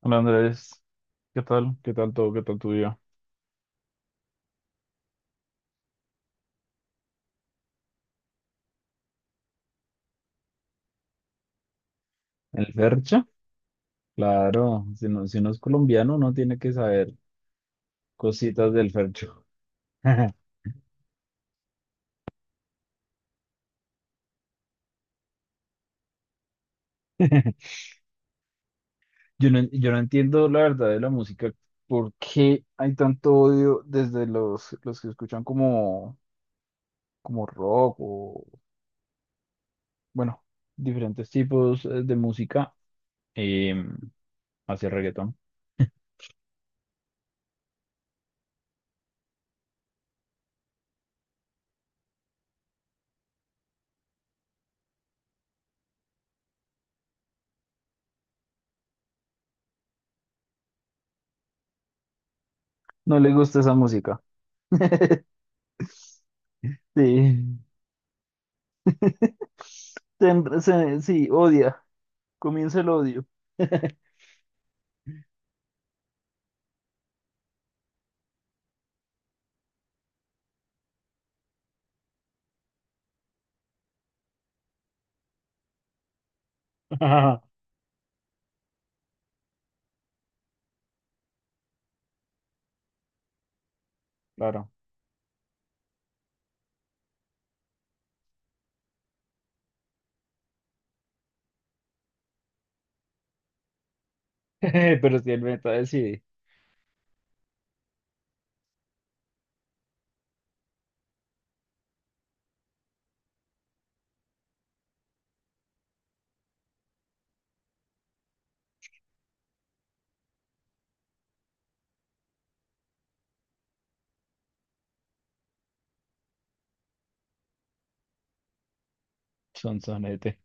Hola Andrés, ¿qué tal? ¿Qué tal todo? ¿Qué tal tu día? ¿El Fercho? Claro, si no, si uno es colombiano, uno tiene que saber cositas del Fercho. Yo no entiendo la verdad de la música, por qué hay tanto odio desde los que escuchan como, como rock o, bueno, diferentes tipos de música eh, hacia reggaetón. No le gusta esa música. Sí. Sí, odia. Comienza el odio. Ajá. Claro. Pero si el meta decide, son sonete.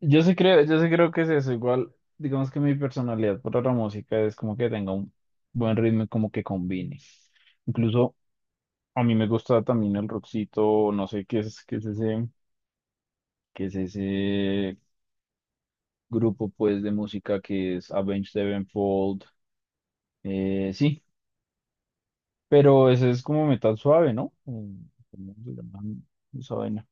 Yo sí creo que es eso. Igual, digamos que mi personalidad para la música es como que tenga un buen ritmo y como que combine. Incluso a mí me gusta también el rockcito, no sé qué es, qué es ese grupo pues de música que es Avenged Sevenfold. Sí, pero ese es como metal suave, ¿no? ¿Cómo se llama esa vaina?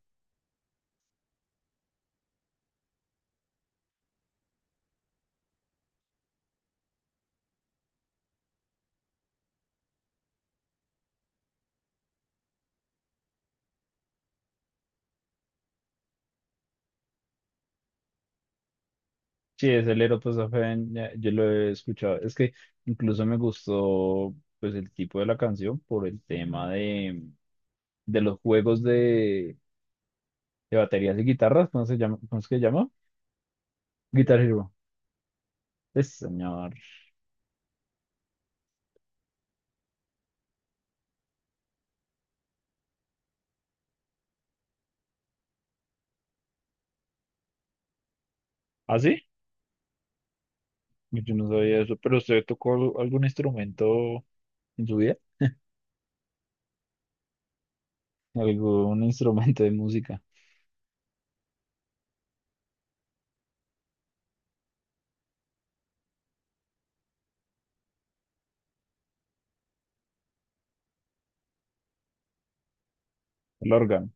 Sí, es el Erotosafen, yo lo he escuchado. Es que incluso me gustó pues el tipo de la canción por el tema de los juegos de baterías y guitarras, ¿cómo se llama? ¿Cómo es que se llama? Guitar Hero. Es señor. ¿Ah, sí? Yo no sabía eso, pero ¿usted tocó algún instrumento en su vida? ¿Algún instrumento de música? El órgano.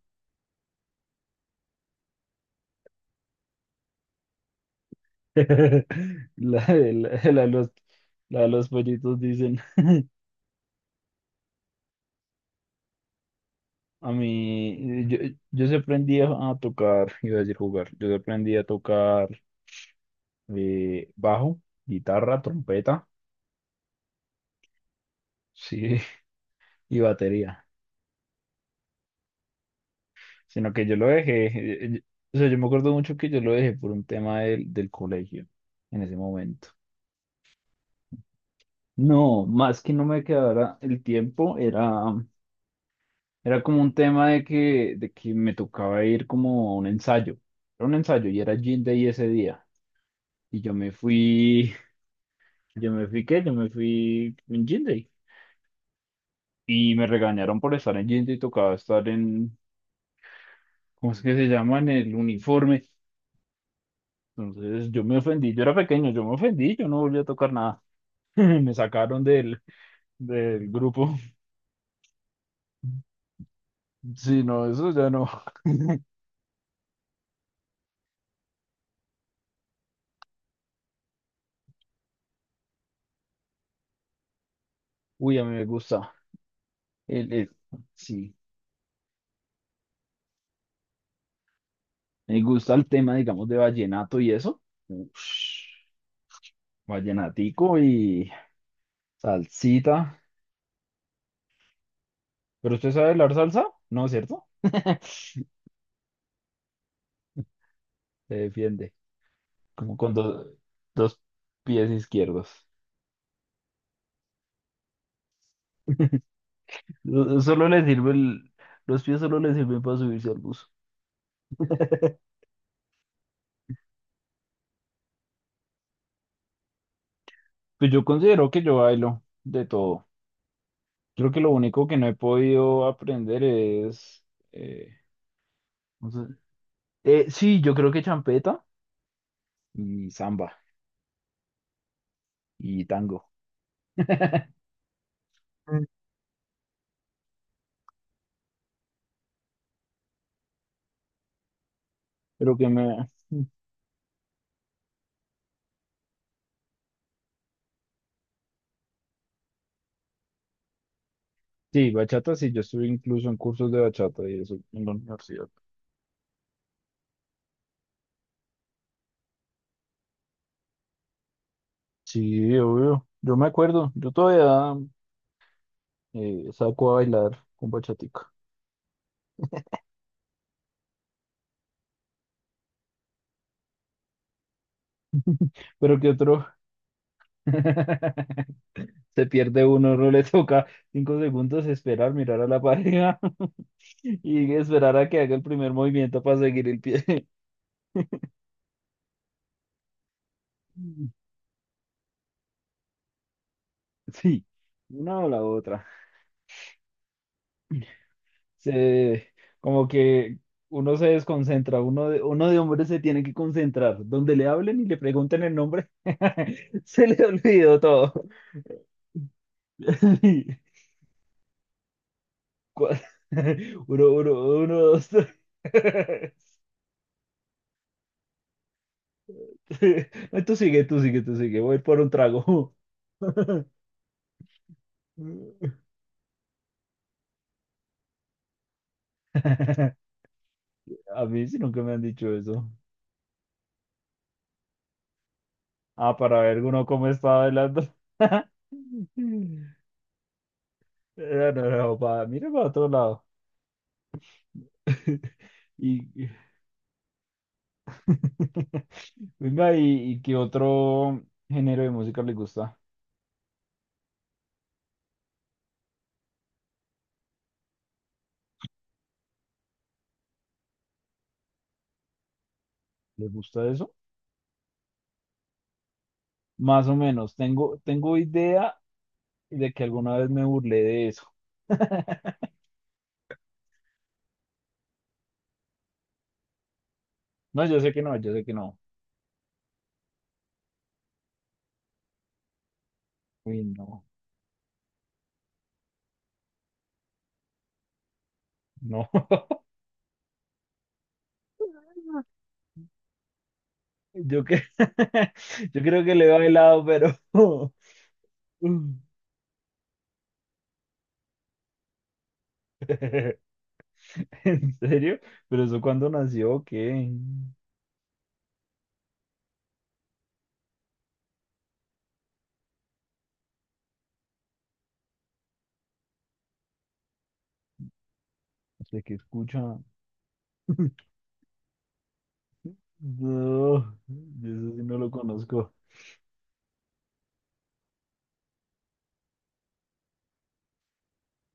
La, de- la, la de los, la de los pollitos dicen. A mí, yo sí aprendí a tocar, iba a decir jugar, yo sí aprendí a tocar bajo, guitarra, trompeta, sí, y batería, sino que yo lo dejé, o sea, yo me acuerdo mucho que yo lo dejé por un tema del colegio en ese momento. No, más que no me quedara el tiempo, era, era como un tema de que me tocaba ir como a un ensayo, era un ensayo y era Jean Day ese día, y yo me fui. Yo me fui, ¿qué? Yo me fui en Jean. Y me regañaron por estar en Jean y tocaba estar en, ¿cómo es que se llama? En el uniforme. Entonces yo me ofendí, yo era pequeño, yo me ofendí, yo no volví a tocar nada. Me sacaron del grupo. Sí, no, eso ya no. Uy, a mí me gusta. El, el- sí, me gusta el tema, digamos, de vallenato y eso. Ush, vallenatico y salsita. ¿Pero usted sabe bailar salsa? No, ¿cierto? Se defiende. Como con dos, dos pies izquierdos. Solo le sirve los pies solo le sirven para subirse al bus. Pues yo considero que yo bailo de todo. Creo que lo único que no he podido aprender es, eh, no sé. Sí, yo creo que champeta y samba y tango. Mm. Pero que me... Sí, bachata, sí, yo estuve incluso en cursos de bachata y eso en la universidad. Sí, obvio. Yo me acuerdo, yo todavía saco a bailar con bachatica. Pero que otro se pierde uno, no le toca 5 segundos esperar, mirar a la pareja y esperar a que haga el primer movimiento para seguir el pie. Sí, una o la otra. Se, como que uno se desconcentra, uno de hombres se tiene que concentrar. Donde le hablen y le pregunten el nombre, se le olvidó todo. Sí. Cua- Uno, uno, uno, dos, tres. No, tú sigue, tú sigue, tú sigue. Voy por un trago. A mí sí nunca me han dicho eso. Ah, para ver uno cómo está bailando. No, no, no, mira para otro lado. Y, venga, y qué otro género de música le gusta? ¿Le gusta eso? Más o menos. Tengo idea de que alguna vez me burlé de eso. No, yo sé que no. Uy, no, no. Yo, que... yo creo que le va helado pero... ¿En serio? ¿Pero eso cuándo nació? O ¿qué? De sea, ¿qué escucha? No, yo eso sí no lo conozco.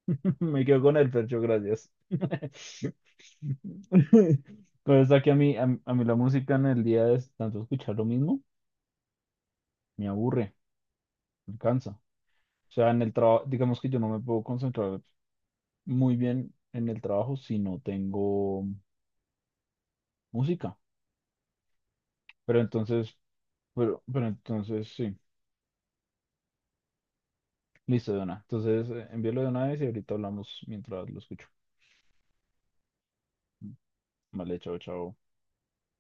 Me quedo con el percho, gracias. Pero es que a mí la música en el día es tanto escuchar lo mismo, me aburre, me cansa. O sea, en el trabajo, digamos que yo no me puedo concentrar muy bien en el trabajo si no tengo música. Pero entonces pero entonces sí, listo de una. Entonces envíalo de una vez y ahorita hablamos mientras lo escucho. Vale, chao, chao.